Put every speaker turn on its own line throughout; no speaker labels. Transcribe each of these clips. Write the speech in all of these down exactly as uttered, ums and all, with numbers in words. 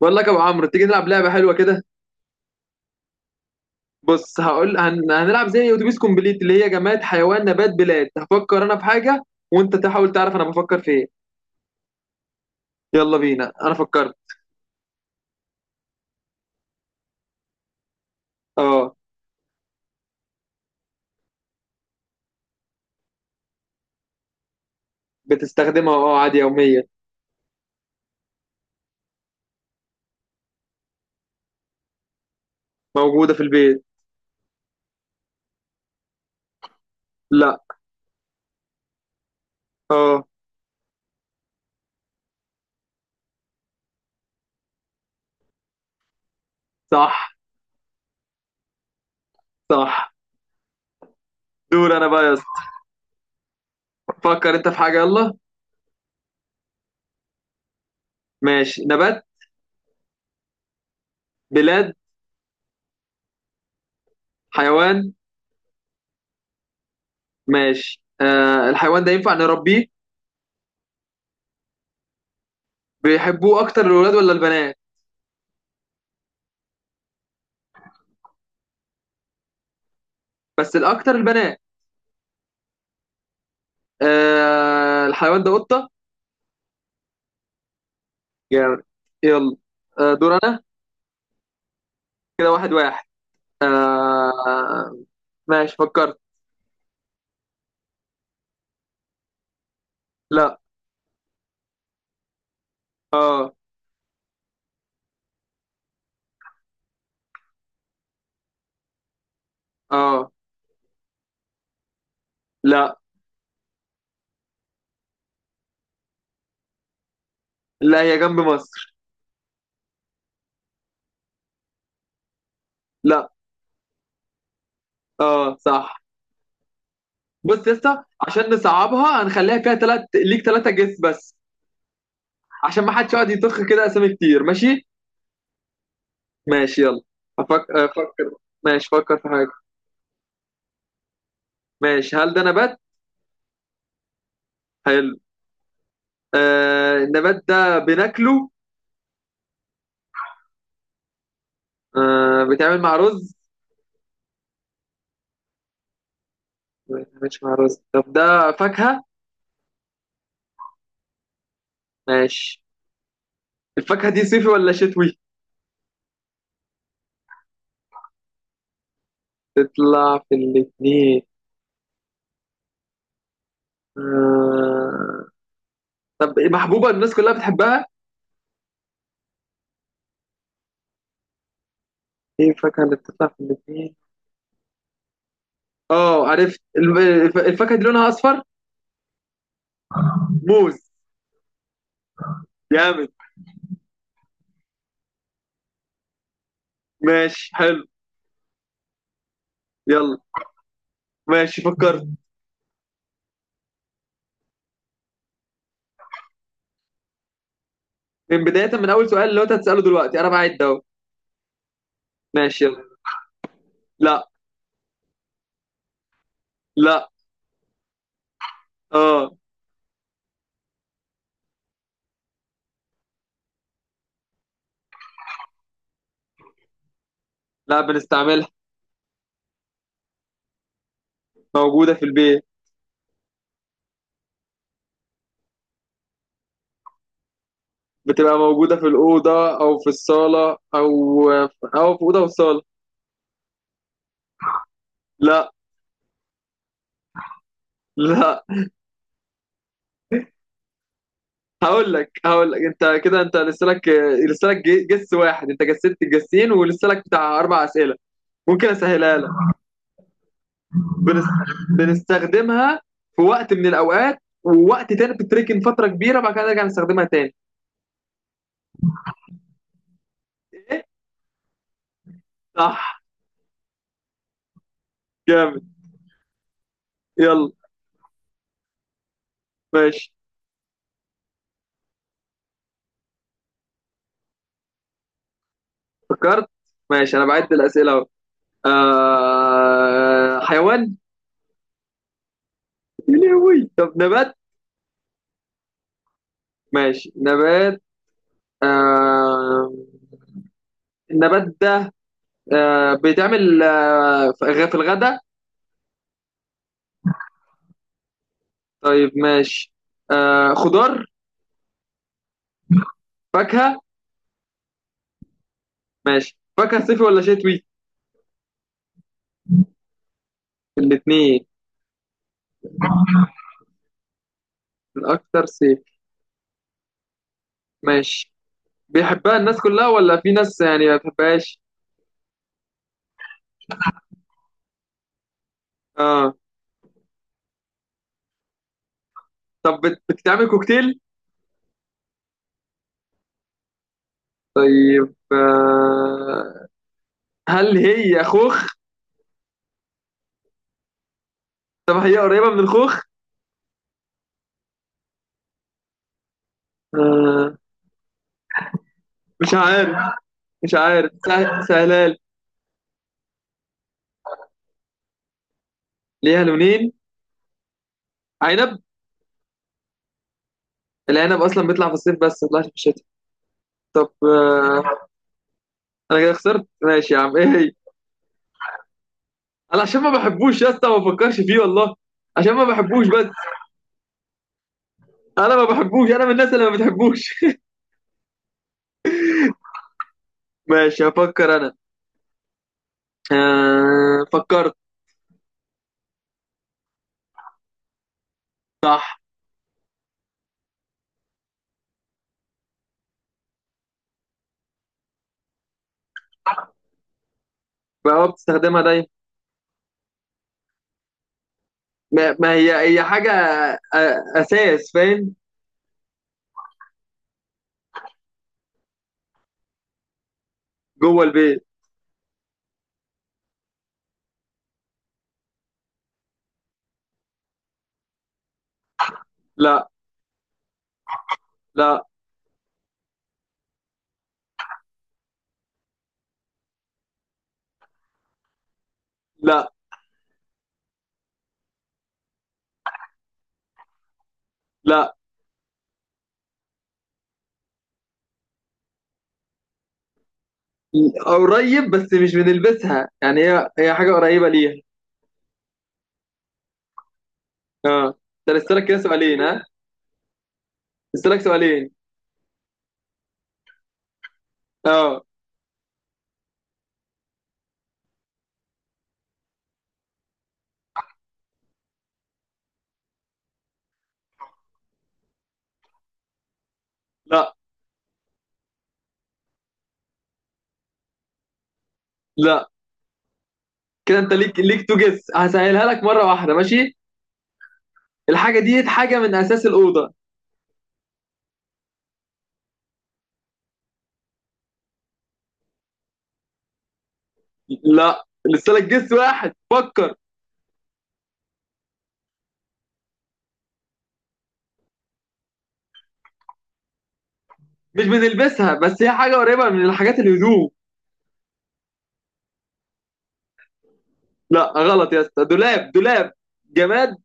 بقول لك يا ابو عمرو، تيجي نلعب لعبه حلوه كده. بص، هقول هن... هنلعب زي اتوبيس كومبليت، اللي هي جماد، حيوان، نبات، بلاد. هفكر انا في حاجه وانت تحاول تعرف انا بفكر في ايه. يلا بينا، انا فكرت. اه، بتستخدمها. اه عادي، يوميا. موجوده في البيت. لا. اه. صح. صح. دور انا بقى يا اسطى. فكر انت في حاجه، يلا. ماشي. نبات؟ بلاد؟ حيوان؟ ماشي. آه، الحيوان ده ينفع نربيه؟ بيحبوه اكتر الولاد ولا البنات؟ بس الاكتر البنات. آه، الحيوان ده قطه. جامد. يلا. آه، دور انا. كده واحد واحد. آه. ماشي، فكرت. لا. اه. اه. لا. لا، هي جنب مصر. لا. اه، صح. بص يا اسطى، عشان نصعبها هنخليها فيها تلات ليك، تلاتة جس بس. عشان ما حدش يقعد يطخ كده اسامي كتير، ماشي؟ ماشي، يلا. أفك... افكر. ماشي، فكر في حاجة. ماشي. هل ده نبات؟ حلو. آه، النبات ده بناكله؟ آه، بيتعمل مع رز؟ ما بيتعملش مع رز. طب ده فاكهة؟ ماشي. الفاكهة دي صيفي ولا شتوي؟ تطلع في الاتنين. آه... طب إيه، محبوبة الناس كلها بتحبها؟ ايه الفاكهة اللي بتطلع في الاتنين؟ اه، عرفت. الب- الف- الفاكهة دي لونها أصفر؟ موز. جامد. ماشي، حلو. يلا. ماشي، فكرت. من بداية، من أول سؤال اللي هو أنت هتسأله دلوقتي أنا بعد أهو. ماشي، يلا. لا. لا. اه. لا، بنستعملها. موجودة في البيت. بتبقى موجودة في الأوضة أو في الصالة، أو أو في أوضة وصالة. لا. لا. هقول لك هقول لك انت كده، انت لسه لك. لسه لك ج- جس واحد. انت جسدت الجسين ولسه لك بتاع اربع اسئله. ممكن اسهلها لك. بنس... بنستخدمها في وقت من الاوقات، ووقت تاني بتتركن فتره كبيره، بعد كده نرجع نستخدمها تاني. إيه؟ صح. جامد. يلا. ماشي، فكرت. ماشي، انا بعد الاسئله اهو. آه... حيوان. يا لهوي. طب نبات. ماشي نبات. آه... النبات ده آه... بيتعمل آه... في الغ- في الغداء. طيب، ماشي. آه، خضار؟ فاكهة. ماشي، فاكهة. صيفي ولا شتوي؟ الاتنين. الأكتر صيفي. ماشي. بيحبها الناس كلها ولا في ناس يعني ما بتحبهاش؟ اه. طب بت- بتتعمل كوكتيل؟ طيب، آه، هل هي خوخ؟ طب هي قريبة من الخوخ؟ آه. مش عارف، مش عارف. سه- سهلال. ليها لونين؟ عنب. العنب أصلا بيطلع في الصيف، بس ما بيطلعش في الشتاء. طب آه، أنا كده خسرت. ماشي يا عم، إيه هي؟ انا عشان ما بحبوش يا اسطى ما بفكرش فيه والله، عشان ما بحبوش بس. انا ما بحبوش، انا من الناس اللي ما بتحبوش. ماشي، هفكر انا. آه، فكرت. صح. بقى بتستخدمها دايما. ما, ما هي هي حاجه أ- اساس، فاهم؟ جوه البيت. لا. لا. لا. لا. قريب، بس مش بنلبسها، يعني هي هي حاجه قريبه ليها. اه. انت لسه لك كده سؤالين، ها. لسه لك سؤالين. اه. لا. لا. كده انت ليك، ليك تو جس. هسهلها لك مره واحده، ماشي. الحاجه دي حاجه من اساس الاوضه. لا، لسه لك جس واحد، فكر. مش بنلبسها بس هي حاجه قريبه من الحاجات، الهدوم. لا، غلط يا اسطى. دولاب، دولاب. جماد.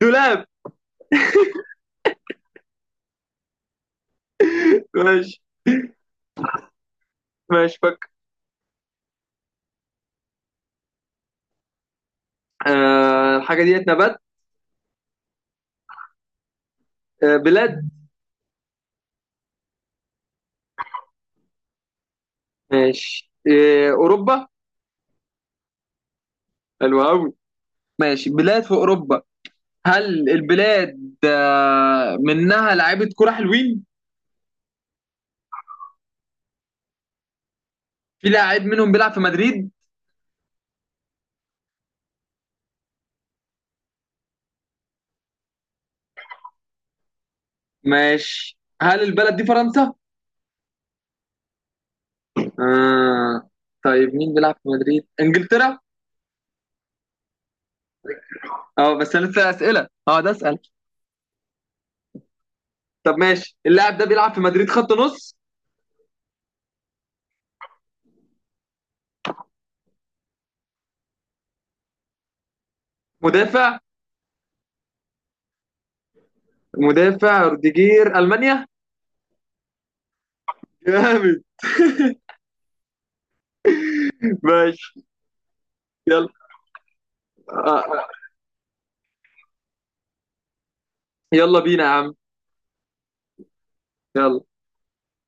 دولاب. ماشي. ماشي، فكر. آه، الحاجه ديت نبات؟ آه، بلاد. ماشي، آه، اوروبا. حلو قوي. ماشي، بلاد في اوروبا. هل البلاد آه منها لعيبه كوره حلوين؟ في لاعب منهم بيلعب في مدريد. ماشي، هل البلد دي فرنسا؟ آه. طيب مين بيلعب في مدريد؟ انجلترا؟ اه، بس انا لسه اسئله اه ده اسال. طب ماشي، اللاعب ده بيلعب في مدريد خط نص؟ مدافع. مدافع. روديجير، المانيا. جامد. ماشي. يلا. آه. آه. يلا بينا يا عم. يلا.